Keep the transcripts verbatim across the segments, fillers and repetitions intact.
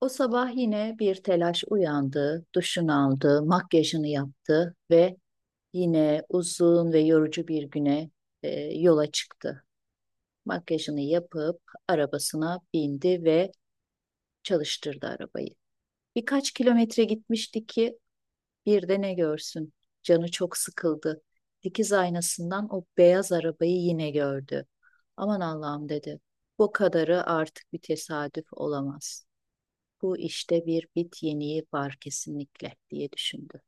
O sabah yine bir telaş uyandı, duşunu aldı, makyajını yaptı ve yine uzun ve yorucu bir güne e, yola çıktı. Makyajını yapıp arabasına bindi ve çalıştırdı arabayı. Birkaç kilometre gitmişti ki bir de ne görsün. Canı çok sıkıldı. Dikiz aynasından o beyaz arabayı yine gördü. Aman Allah'ım dedi. Bu kadarı artık bir tesadüf olamaz. Bu işte bir bit yeniği var kesinlikle diye düşündü.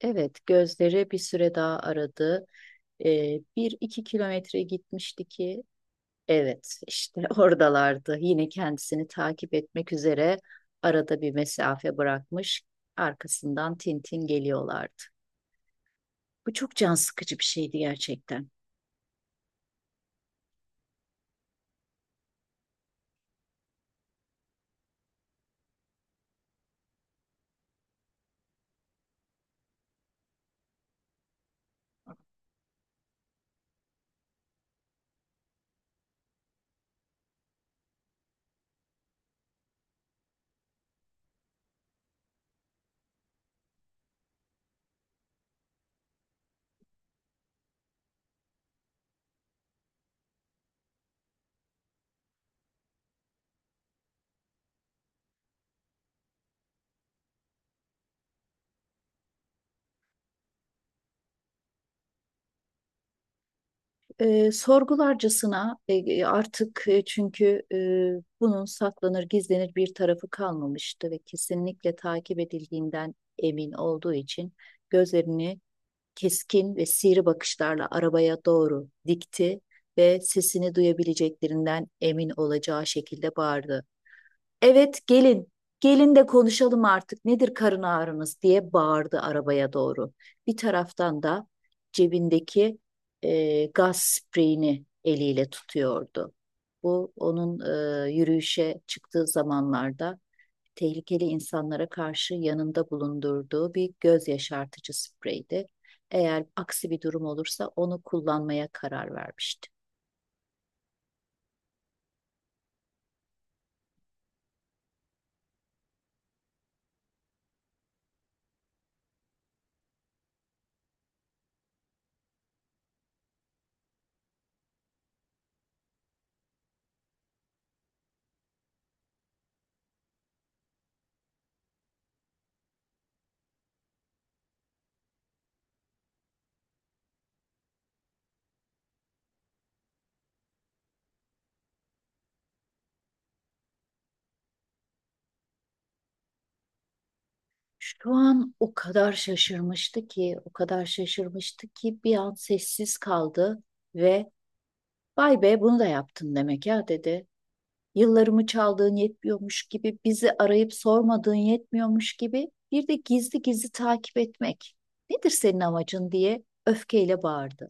Evet, gözleri bir süre daha aradı. Ee, bir iki kilometre gitmişti ki, evet işte oradalardı. Yine kendisini takip etmek üzere arada bir mesafe bırakmış. Arkasından Tintin geliyorlardı. Bu çok can sıkıcı bir şeydi gerçekten. E, sorgularcasına e, e, artık e, çünkü e, bunun saklanır gizlenir bir tarafı kalmamıştı ve kesinlikle takip edildiğinden emin olduğu için gözlerini keskin ve sivri bakışlarla arabaya doğru dikti ve sesini duyabileceklerinden emin olacağı şekilde bağırdı. Evet gelin. Gelin de konuşalım artık. Nedir karın ağrınız diye bağırdı arabaya doğru. Bir taraftan da cebindeki e, gaz spreyini eliyle tutuyordu. Bu onun e, yürüyüşe çıktığı zamanlarda tehlikeli insanlara karşı yanında bulundurduğu bir göz yaşartıcı spreydi. Eğer aksi bir durum olursa onu kullanmaya karar vermişti. Şu an o kadar şaşırmıştı ki, o kadar şaşırmıştı ki bir an sessiz kaldı ve vay be bunu da yaptın demek ya dedi. Yıllarımı çaldığın yetmiyormuş gibi, bizi arayıp sormadığın yetmiyormuş gibi bir de gizli gizli takip etmek. Nedir senin amacın diye öfkeyle bağırdı.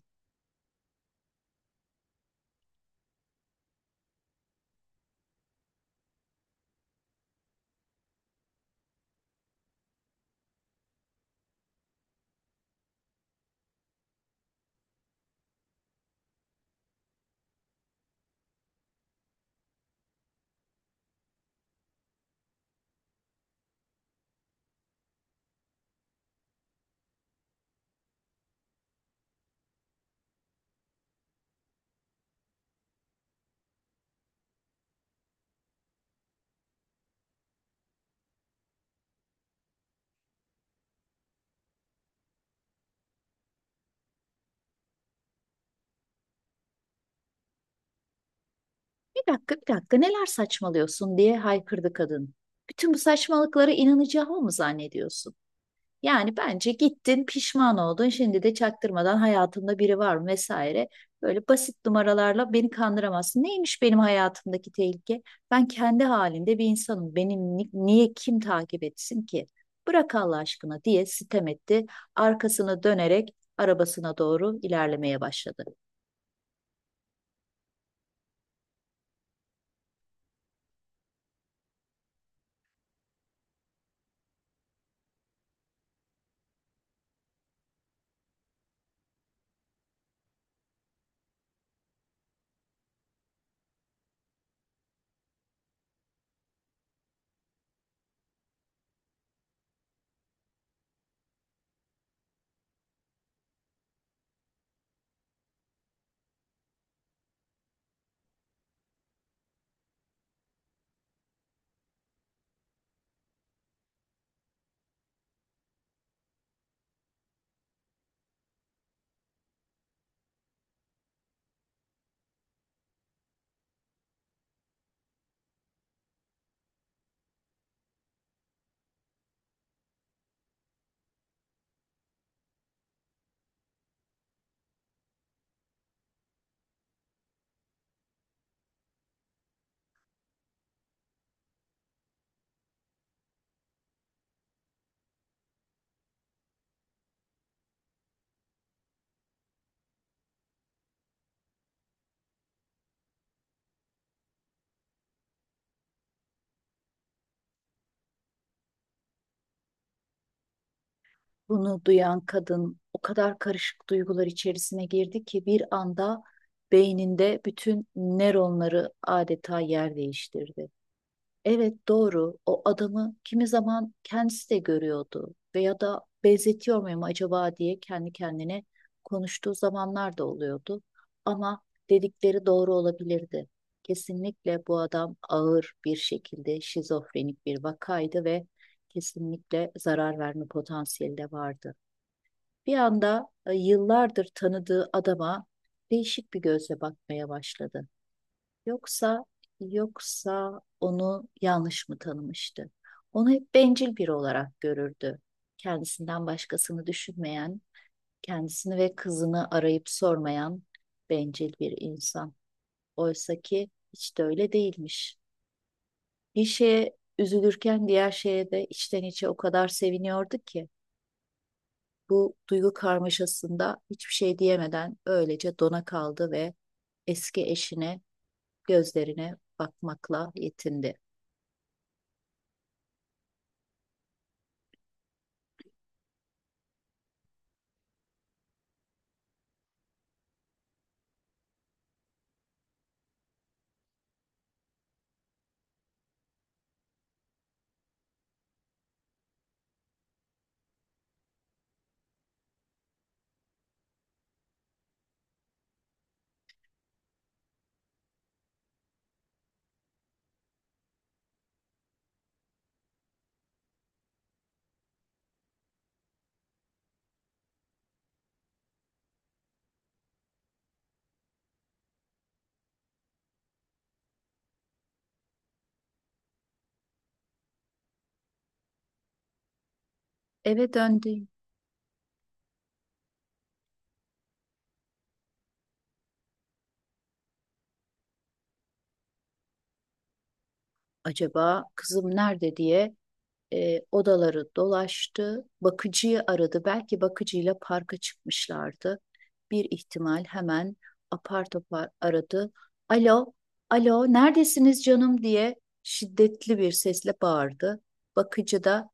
Bir dakika bir dakika neler saçmalıyorsun diye haykırdı kadın. Bütün bu saçmalıklara inanacağımı mı zannediyorsun? Yani bence gittin pişman oldun şimdi de çaktırmadan hayatında biri var mı vesaire. Böyle basit numaralarla beni kandıramazsın. Neymiş benim hayatımdaki tehlike? Ben kendi halinde bir insanım. Benim ni- niye kim takip etsin ki? Bırak Allah aşkına diye sitem etti. Arkasını dönerek arabasına doğru ilerlemeye başladı. Bunu duyan kadın o kadar karışık duygular içerisine girdi ki bir anda beyninde bütün nöronları adeta yer değiştirdi. Evet doğru. O adamı kimi zaman kendisi de görüyordu veya da benzetiyor muyum acaba diye kendi kendine konuştuğu zamanlar da oluyordu. Ama dedikleri doğru olabilirdi. Kesinlikle bu adam ağır bir şekilde şizofrenik bir vakaydı ve kesinlikle zarar verme potansiyeli de vardı. Bir anda e, yıllardır tanıdığı adama değişik bir gözle bakmaya başladı. Yoksa yoksa onu yanlış mı tanımıştı? Onu hep bencil biri olarak görürdü. Kendisinden başkasını düşünmeyen, kendisini ve kızını arayıp sormayan bencil bir insan. Oysa ki hiç de öyle değilmiş. Bir şeye üzülürken diğer şeye de içten içe o kadar seviniyordu ki bu duygu karmaşasında hiçbir şey diyemeden öylece dona kaldı ve eski eşine gözlerine bakmakla yetindi. Eve döndü. Acaba kızım nerede diye e, odaları dolaştı. Bakıcıyı aradı. Belki bakıcıyla parka çıkmışlardı. Bir ihtimal hemen apar topar aradı. Alo, alo, neredesiniz canım diye şiddetli bir sesle bağırdı. Bakıcı da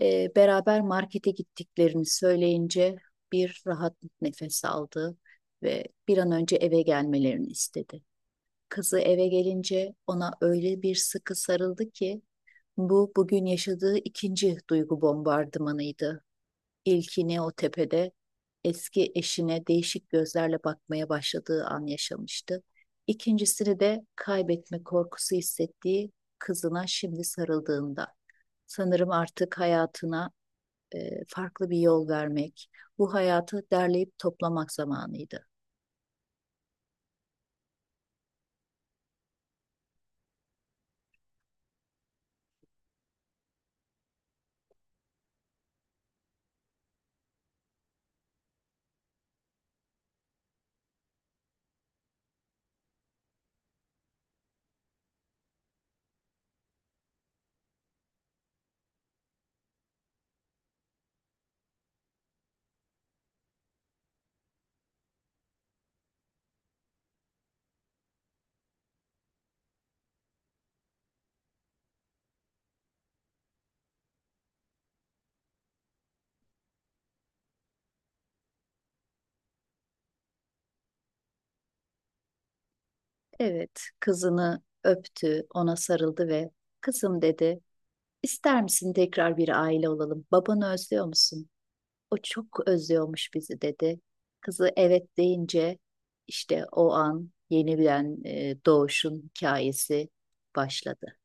e, beraber markete gittiklerini söyleyince bir rahat nefes aldı ve bir an önce eve gelmelerini istedi. Kızı eve gelince ona öyle bir sıkı sarıldı ki bu bugün yaşadığı ikinci duygu bombardımanıydı. İlkini o tepede eski eşine değişik gözlerle bakmaya başladığı an yaşamıştı. İkincisini de kaybetme korkusu hissettiği kızına şimdi sarıldığında. Sanırım artık hayatına e, farklı bir yol vermek, bu hayatı derleyip toplamak zamanıydı. Evet, kızını öptü, ona sarıldı ve kızım dedi, ister misin tekrar bir aile olalım? Babanı özlüyor musun? O çok özlüyormuş bizi dedi. Kızı evet deyince işte o an yeniden e, doğuşun hikayesi başladı.